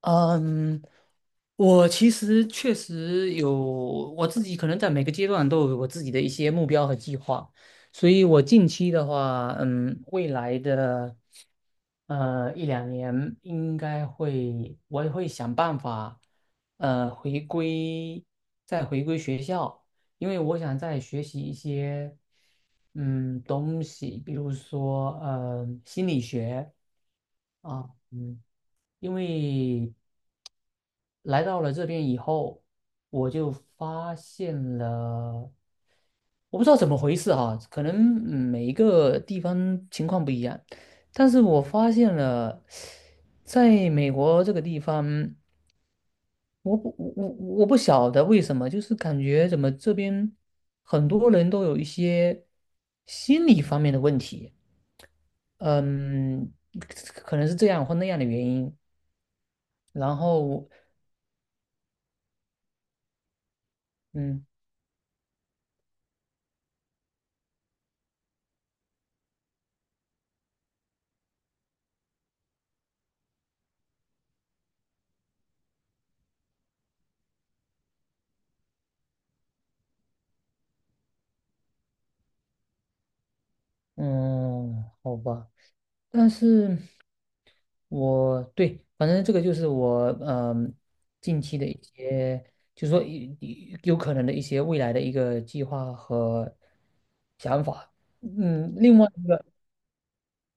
嗯，我其实确实有我自己，可能在每个阶段都有我自己的一些目标和计划，所以我近期的话，未来的一两年应该会，我也会想办法，回归，再回归学校，因为我想再学习一些东西，比如说心理学啊，嗯，因为。来到了这边以后，我就发现了，我不知道怎么回事哈、可能每一个地方情况不一样，但是我发现了，在美国这个地方，我不我我我不晓得为什么，就是感觉怎么这边很多人都有一些心理方面的问题，嗯，可能是这样或那样的原因，然后嗯嗯，好吧。但是，我对，反正这个就是我近期的一些，就是说有可能的一些未来的一个计划和想法。另外一个。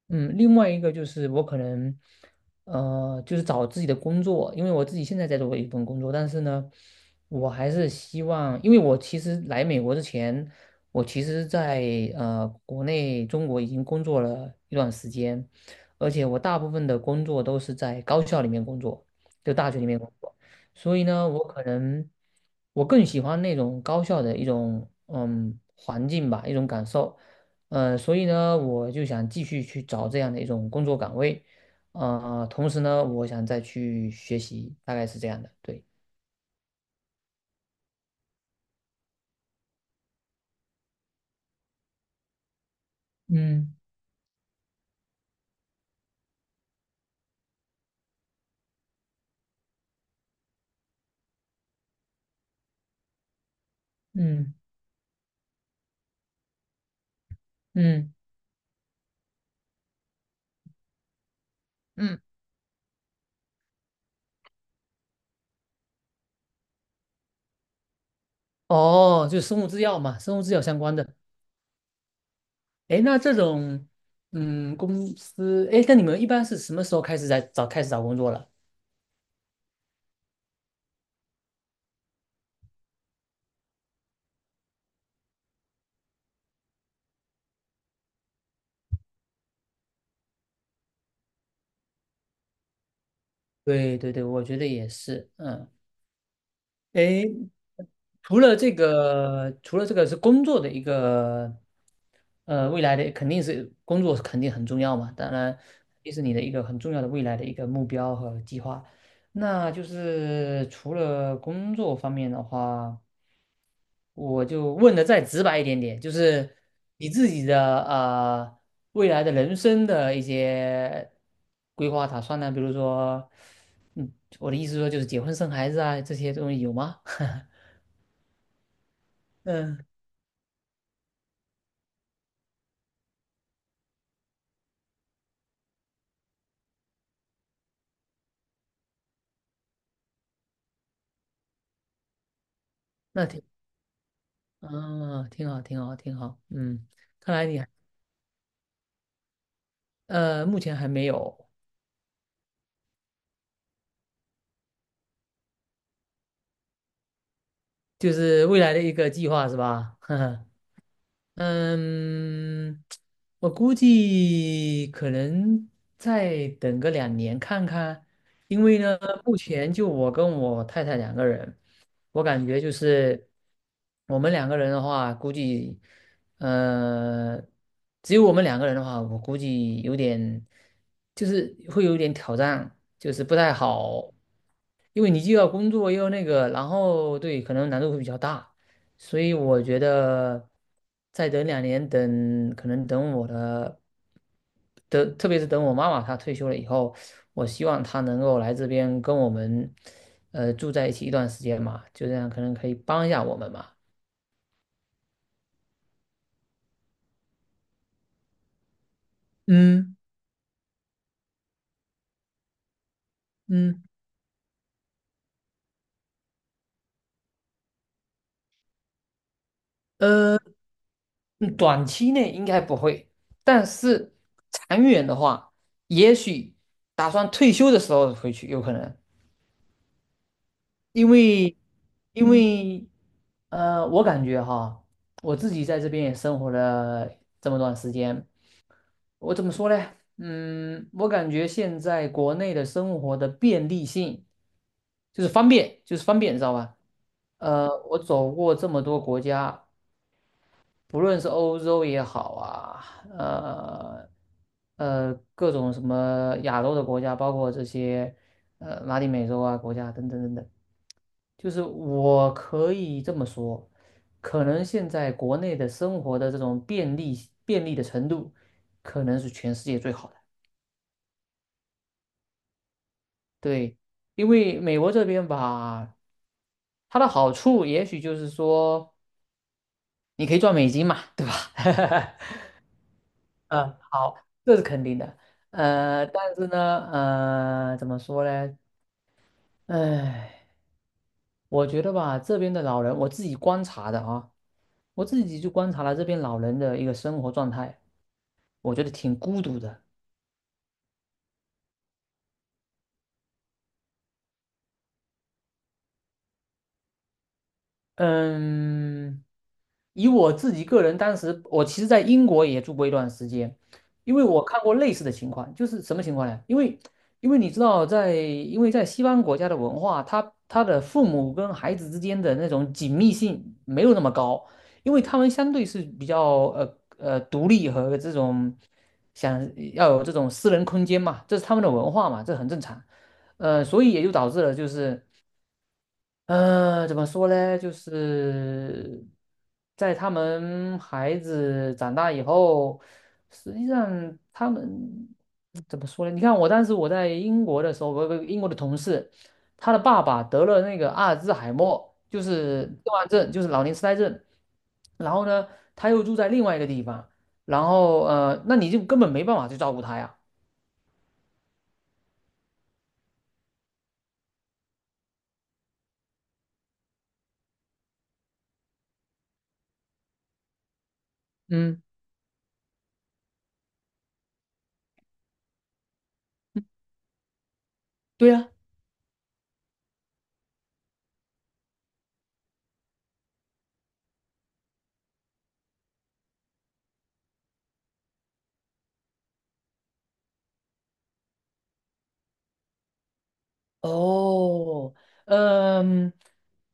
嗯，另外一个就是我可能，就是找自己的工作，因为我自己现在在做一份工作，但是呢，我还是希望，因为我其实来美国之前，我其实在国内中国已经工作了一段时间，而且我大部分的工作都是在高校里面工作，就大学里面工作，所以呢，我可能我更喜欢那种高校的一种环境吧，一种感受。所以呢，我就想继续去找这样的一种工作岗位，啊，同时呢，我想再去学习，大概是这样的，对，嗯嗯嗯嗯，哦，就生物制药嘛，生物制药相关的，哎，那这种，公司，哎，那你们一般是什么时候开始找工作了？对对对，我觉得也是，嗯。诶，除了这个是工作的一个，未来的肯定是工作肯定很重要嘛，当然也是你的一个很重要的未来的一个目标和计划。那就是除了工作方面的话，我就问的再直白一点点，就是你自己的未来的人生的一些规划打算呢，比如说，嗯，我的意思说就是结婚生孩子啊这些东西有吗？嗯，那挺挺好，挺好，挺好。嗯，看来你还目前还没有，就是未来的一个计划是吧？呵呵。嗯，我估计可能再等个两年看看，因为呢，目前就我跟我太太两个人，我感觉就是我们两个人的话，估计呃，只有我们两个人的话，我估计就是会有点挑战，就是不太好，因为你既要工作又要那个，然后对，可能难度会比较大。所以我觉得再等两年，等特别是等我妈妈她退休了以后，我希望她能够来这边跟我们，住在一起一段时间嘛，就这样可能可以帮一下我们嘛。嗯嗯呃，嗯短期内应该不会，但是长远的话，也许打算退休的时候回去有可能。因为因为我感觉哈，我自己在这边也生活了这么段时间，我怎么说呢？嗯，我感觉现在国内的生活的便利性就是方便，就是方便，你知道吧？我走过这么多国家，不论是欧洲也好啊，呃各种什么亚洲的国家，包括这些拉丁美洲啊国家等等等等。就是我可以这么说，可能现在国内的生活的这种便利的程度，可能是全世界最好的。对，因为美国这边吧，它的好处也许就是说，你可以赚美金嘛，对吧？嗯，好，这是肯定的。但是呢，怎么说呢？哎，我觉得吧，这边的老人，我自己观察的啊，我自己就观察了这边老人的一个生活状态，我觉得挺孤独的。嗯，以我自己个人，当时我其实在英国也住过一段时间，因为我看过类似的情况，就是什么情况呢？因为你知道在，因为在西方国家的文化，他的父母跟孩子之间的那种紧密性没有那么高，因为他们相对是比较独立和这种想要有这种私人空间嘛，这是他们的文化嘛，这很正常。所以也就导致了就是。怎么说呢？就是在他们孩子长大以后，实际上他们怎么说呢？你看，我当时我在英国的时候，我有个英国的同事，他的爸爸得了那个阿尔兹海默，就是痴呆症，就是老年痴呆症。然后呢，他又住在另外一个地方，然后那你就根本没办法去照顾他呀。嗯，对呀、哦，嗯，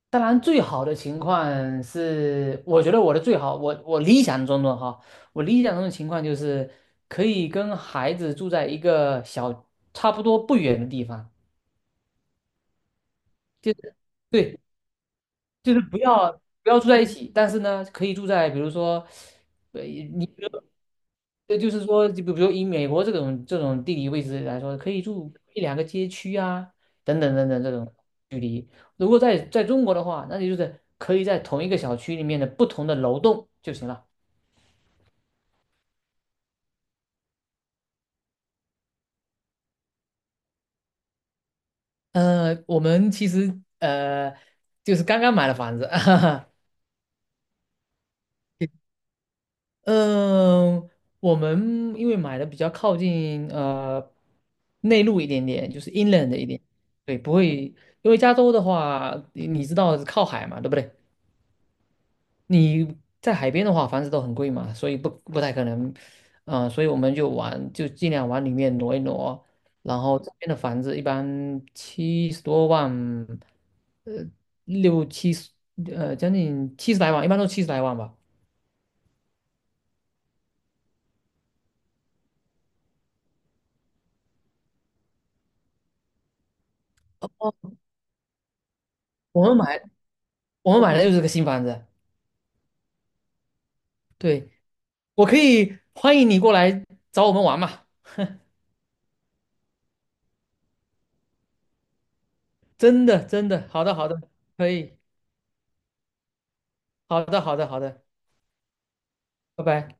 当然最好的情况是，我觉得我的最好，我理想中的哈，我理想中的情况就是可以跟孩子住在一个差不多不远的地方，就是对，就是不要住在一起，但是呢，可以住在比如说，呃，你比如就是说，就比如以美国这种地理位置来说，可以住一两个街区啊，等等等等这种。如果在中国的话，那你就是可以在同一个小区里面的不同的楼栋就行了。我们其实就是刚刚买了房子，嗯、我们因为买的比较靠近内陆一点点，就是 inland 一点，对，不会，因为加州的话，你知道靠海嘛，对不对？你在海边的话，房子都很贵嘛，所以不太可能，所以我们就尽量往里面挪一挪。然后这边的房子一般70多万，呃，六七十，将近七十来万，一般都七十来万吧。哦，我们买，我们买的又是个新房子。对，我可以欢迎你过来找我们玩嘛，真的真的，好的好的，可以，好的好的好的，拜拜。